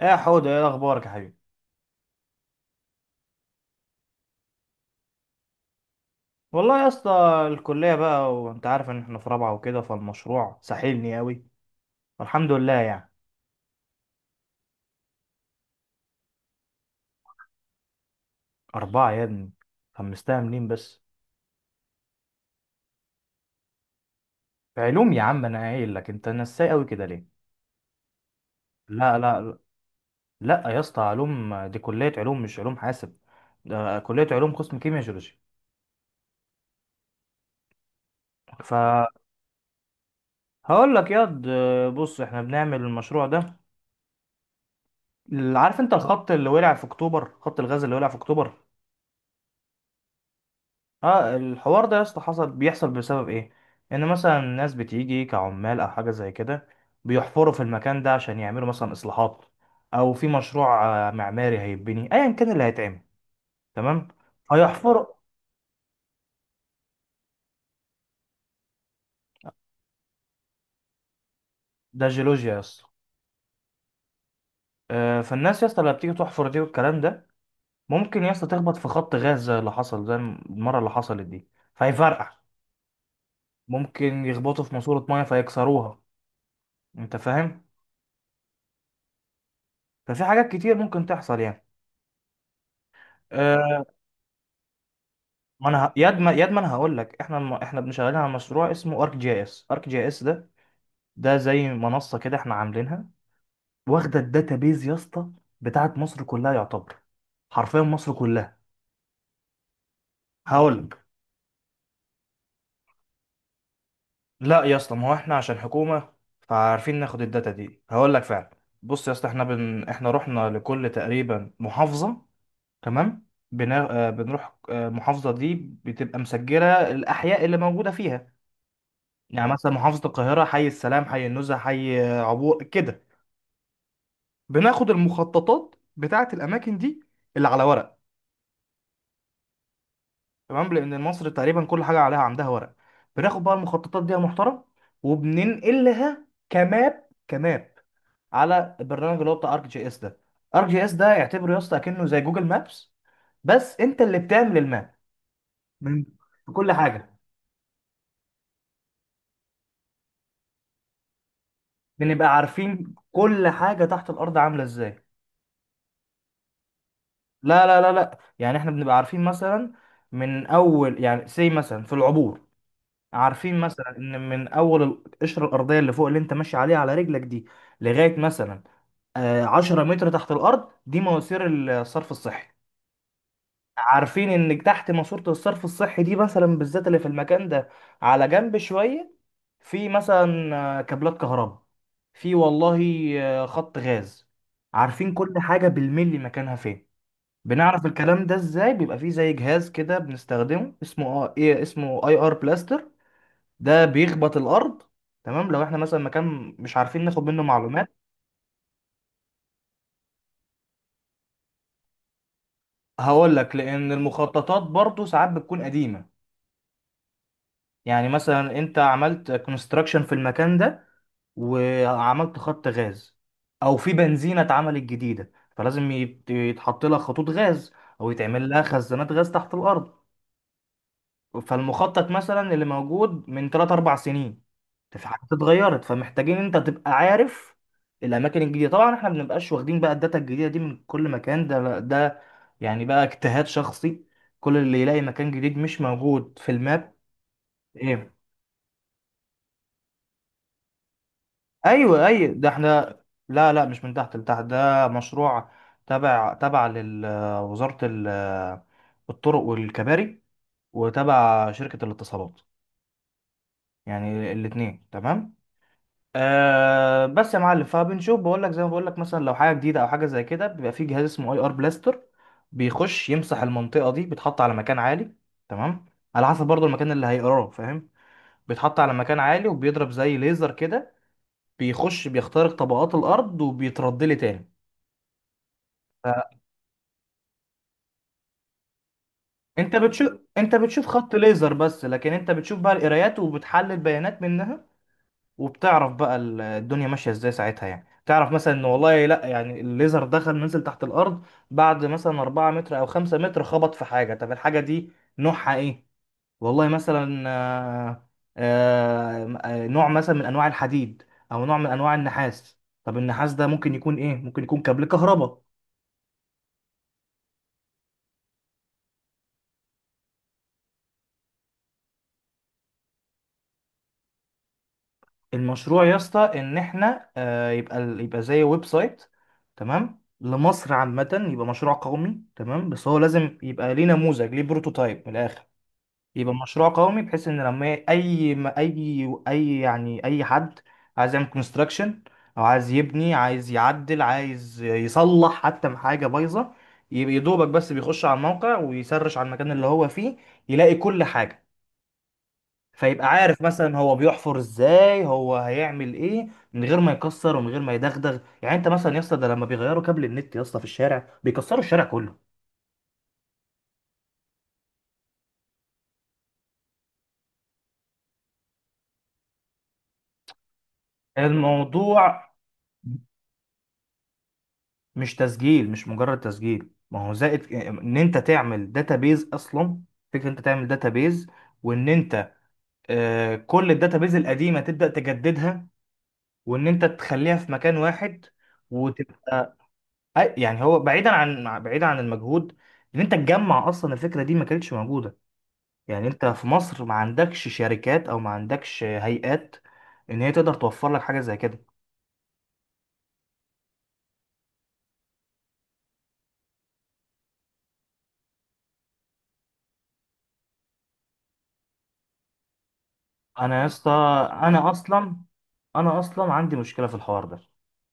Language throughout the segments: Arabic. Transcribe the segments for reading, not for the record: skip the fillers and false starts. ايه يا حوده، ايه اخبارك يا حبيبي؟ والله يا اسطى، الكليه بقى وانت عارف ان احنا في رابعه وكده فالمشروع ساحلني قوي والحمد لله يعني. اربعه يا ابني، خمستها منين بس؟ في علوم يا عم، انا قايل لك انت نساي قوي كده ليه؟ لا لا لا يا اسطى، علوم دي كليه علوم مش علوم حاسب، ده كليه علوم قسم كيمياء جيولوجي. فهقول لك ياض، بص احنا بنعمل المشروع ده. عارف انت الخط اللي ولع في اكتوبر، خط الغاز اللي ولع في اكتوبر؟ اه، الحوار ده يا اسطى بيحصل بسبب ايه؟ ان مثلا ناس بتيجي كعمال او حاجه زي كده، بيحفروا في المكان ده عشان يعملوا مثلا اصلاحات، او في مشروع معماري هيتبني، ايا كان اللي هيتعمل. تمام؟ هيحفروا. ده جيولوجيا يا اسطى. فالناس يا اسطى اللي بتيجي تحفر دي والكلام ده، ممكن يا اسطى تخبط في خط غاز زي اللي حصل، زي المره اللي حصلت دي، فيفرقع. ممكن يخبطوا في ماسوره ميه فيكسروها، انت فاهم؟ ففي حاجات كتير ممكن تحصل يعني. آه، ما انا ه- ياد ما ياد ما انا هقول لك، احنا احنا بنشغلين على مشروع اسمه ارك جي اس. ارك جي اس ده، ده زي منصه كده احنا عاملينها، واخده الداتابيز يا اسطى بتاعت مصر كلها يعتبر، حرفيا مصر كلها. هقول لك، لا يا اسطى ما هو احنا عشان حكومه فعارفين ناخد الداتا دي. هقول لك فعلا، بص يا اسطى، احنا احنا رحنا لكل تقريبا محافظه. تمام؟ بنا... آه، بنروح المحافظه دي بتبقى مسجله الاحياء اللي موجوده فيها. يعني مثلا محافظة القاهرة، حي السلام، حي النزهة، حي عبور كده. بناخد المخططات بتاعة الأماكن دي اللي على ورق، تمام، لأن مصر تقريبا كل حاجة عليها، عندها ورق. بناخد بقى المخططات دي يا محترم وبننقلها كماب كماب على البرنامج اللي هو بتاع ارك جي اس ده. ارك جي اس ده اعتبره يا اسطى كأنه زي جوجل مابس، بس انت اللي بتعمل الماب. من- بكل حاجة، بنبقى عارفين كل حاجة تحت الأرض عاملة ازاي. لا لا لا لا، يعني احنا بنبقى عارفين مثلا من اول يعني سي مثلا في العبور، عارفين مثلا ان من اول القشره الارضيه اللي فوق اللي انت ماشي عليها على رجلك دي، لغايه مثلا 10 متر تحت الارض، دي مواسير الصرف الصحي. عارفين ان تحت ماسوره الصرف الصحي دي مثلا بالذات اللي في المكان ده، على جنب شويه، في مثلا كابلات كهرباء، في والله خط غاز. عارفين كل حاجه بالملي مكانها فين. بنعرف الكلام ده ازاي؟ بيبقى فيه زي جهاز كده بنستخدمه اسمه اه ايه اسمه اي ار بلاستر، ده بيخبط الارض. تمام؟ لو احنا مثلا مكان مش عارفين ناخد منه معلومات. هقول لك، لان المخططات برضو ساعات بتكون قديمة. يعني مثلا انت عملت كونستراكشن في المكان ده وعملت خط غاز، او في بنزينة اتعملت جديدة، فلازم يتحط لها خطوط غاز، او يتعمل لها خزانات غاز تحت الارض. فالمخطط مثلا اللي موجود من 3 4 سنين، في حاجات اتغيرت فمحتاجين انت تبقى عارف الاماكن الجديده. طبعا احنا ما بنبقاش واخدين بقى الداتا الجديده دي من كل مكان ده، يعني بقى اجتهاد شخصي، كل اللي يلاقي مكان جديد مش موجود في الماب. ايه؟ ايوه ايوه، ده احنا، لا لا، مش من تحت لتحت، ده مشروع تبع لوزاره الطرق والكباري، وتبع شركه الاتصالات، يعني الاثنين. تمام؟ أه، بس يا معلم فبنشوف، بقول لك زي ما بقول لك، مثلا لو حاجه جديده او حاجه زي كده، بيبقى في جهاز اسمه اي ار بلاستر، بيخش يمسح المنطقه دي، بيتحط على مكان عالي. تمام؟ على حسب برضو المكان اللي هيقراه، فاهم؟ بيتحط على مكان عالي وبيضرب زي ليزر كده، بيخش بيخترق طبقات الارض وبيترد لي تاني. انت بتشوف، خط ليزر بس، لكن انت بتشوف بقى القرايات وبتحلل بيانات منها، وبتعرف بقى الدنيا ماشيه ازاي ساعتها. يعني تعرف مثلا ان والله لا، يعني الليزر دخل نزل تحت الارض، بعد مثلا 4 متر او 5 متر خبط في حاجه. طب الحاجه دي نوعها ايه؟ والله مثلا نوع مثلا من انواع الحديد، او نوع من انواع النحاس. طب النحاس ده ممكن يكون ايه؟ ممكن يكون كابل كهرباء. المشروع يا اسطى ان احنا يبقى يبقى زي ويب سايت، تمام، لمصر عامة، يبقى مشروع قومي، تمام، بس هو لازم يبقى ليه نموذج، ليه بروتوتايب من الاخر. يبقى مشروع قومي بحيث ان لما اي ما اي اي يعني اي حد عايز يعمل كونستراكشن، او عايز يبني، عايز يعدل، عايز يصلح حتى من حاجة بايظة، يبقى يدوبك بس بيخش على الموقع ويسرش على المكان اللي هو فيه، يلاقي كل حاجة، فيبقى عارف مثلا هو بيحفر ازاي، هو هيعمل ايه، من غير ما يكسر ومن غير ما يدغدغ. يعني انت مثلا يا اسطى، ده لما بيغيروا كابل النت يا اسطى في الشارع، بيكسروا الشارع كله. الموضوع مش مجرد تسجيل، ما هو زائد ان انت تعمل داتابيز اصلا. فكره انت تعمل داتابيز، وان انت كل الداتابيز القديمه تبدا تجددها، وان انت تخليها في مكان واحد، وتبقى. يعني هو بعيدا عن المجهود، ان انت تجمع اصلا، الفكره دي ما كانتش موجوده. يعني انت في مصر ما عندكش شركات، او ما عندكش هيئات ان هي تقدر توفر لك حاجه زي كده. انا يا اسطى، انا اصلا انا اصلا عندي مشكله في الحوار ده.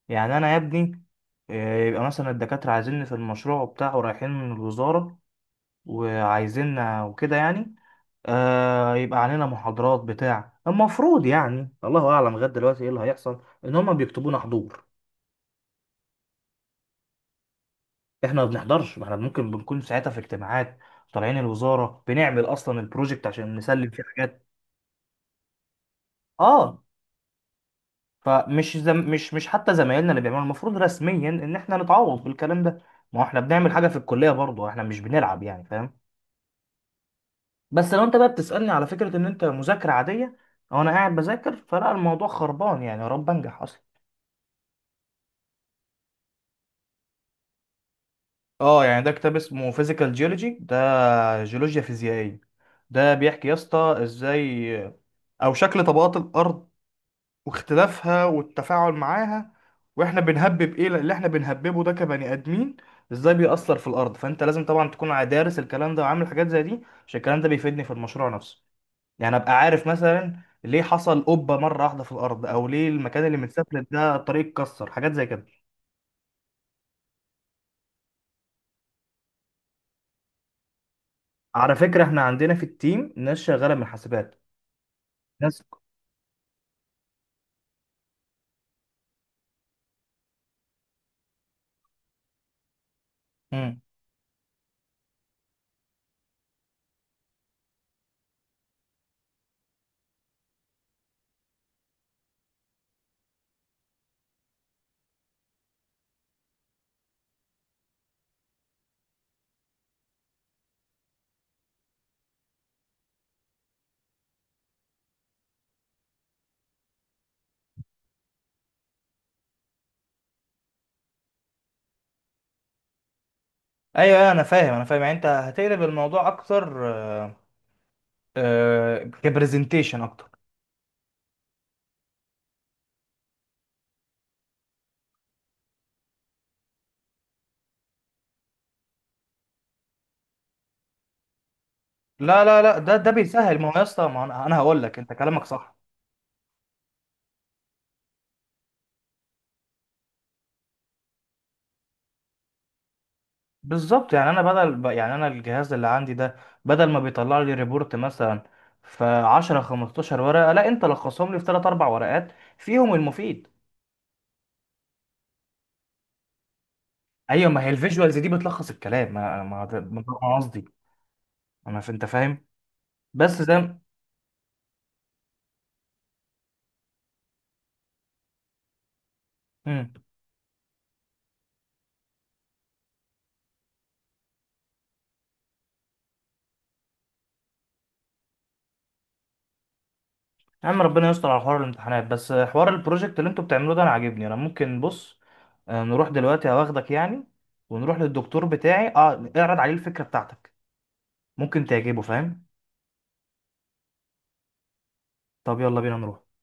يعني انا يا ابني يبقى مثلا الدكاتره عايزيني في المشروع بتاعه، رايحين من الوزاره وعايزيننا وكده يعني. يبقى علينا محاضرات بتاع، المفروض يعني، الله اعلم لغايه دلوقتي ايه اللي هيحصل، ان هم بيكتبونا حضور. احنا ما بنحضرش، ما احنا ممكن بنكون ساعتها في اجتماعات، طالعين الوزاره بنعمل اصلا البروجكت عشان نسلم فيه حاجات. اه. فمش زم... مش مش حتى زمايلنا اللي بيعملوا المفروض رسميا ان احنا نتعوض بالكلام ده، ما هو احنا بنعمل حاجه في الكليه برضه، احنا مش بنلعب يعني، فاهم؟ بس لو انت بقى بتسالني على فكره ان انت مذاكره عاديه، او انا قاعد بذاكر، فلا، الموضوع خربان يعني، يا رب انجح اصلا. اه، يعني ده كتاب اسمه فيزيكال جيولوجي، ده جيولوجيا فيزيائيه. ده بيحكي يا اسطى ازاي، او شكل طبقات الارض واختلافها والتفاعل معاها، واحنا بنهبب ايه اللي احنا بنهببه ده كبني ادمين، ازاي بيأثر في الارض. فانت لازم طبعا تكون دارس الكلام ده وعامل حاجات زي دي، عشان الكلام ده بيفيدني في المشروع نفسه. يعني ابقى عارف مثلا ليه حصل قبة مرة واحدة في الارض، او ليه المكان اللي متسفلت ده الطريق اتكسر، حاجات زي كده. على فكرة احنا عندنا في التيم ناس شغالة من حاسبات. ناس. امم. ايوه، أيوة، انا فاهم، انا فاهم. يعني انت هتقلب الموضوع اكتر، كبرزنتيشن اكتر. لا لا لا، ده بيسهل، ما هو يا اسطى، ما أنا هقول لك، انت كلامك صح. بالظبط، يعني انا بدل يعني انا الجهاز اللي عندي ده، بدل ما بيطلع لي ريبورت مثلا في 10 15 ورقه، لا، انت لخصهم لي في 3 4 ورقات فيهم المفيد. ايوه، ما هي الفيجوالز دي بتلخص الكلام، ما ما ده أنا قصدي. انت فاهم. بس زي ما- مم. يا عم ربنا يستر على حوار الامتحانات، بس حوار البروجكت اللي انتوا بتعملوه ده انا عاجبني. انا ممكن، بص نروح دلوقتي، هواخدك يعني، ونروح للدكتور بتاعي، اعرض عليه الفكره بتاعتك، ممكن تعجبه، فاهم؟ طب يلا بينا نروح.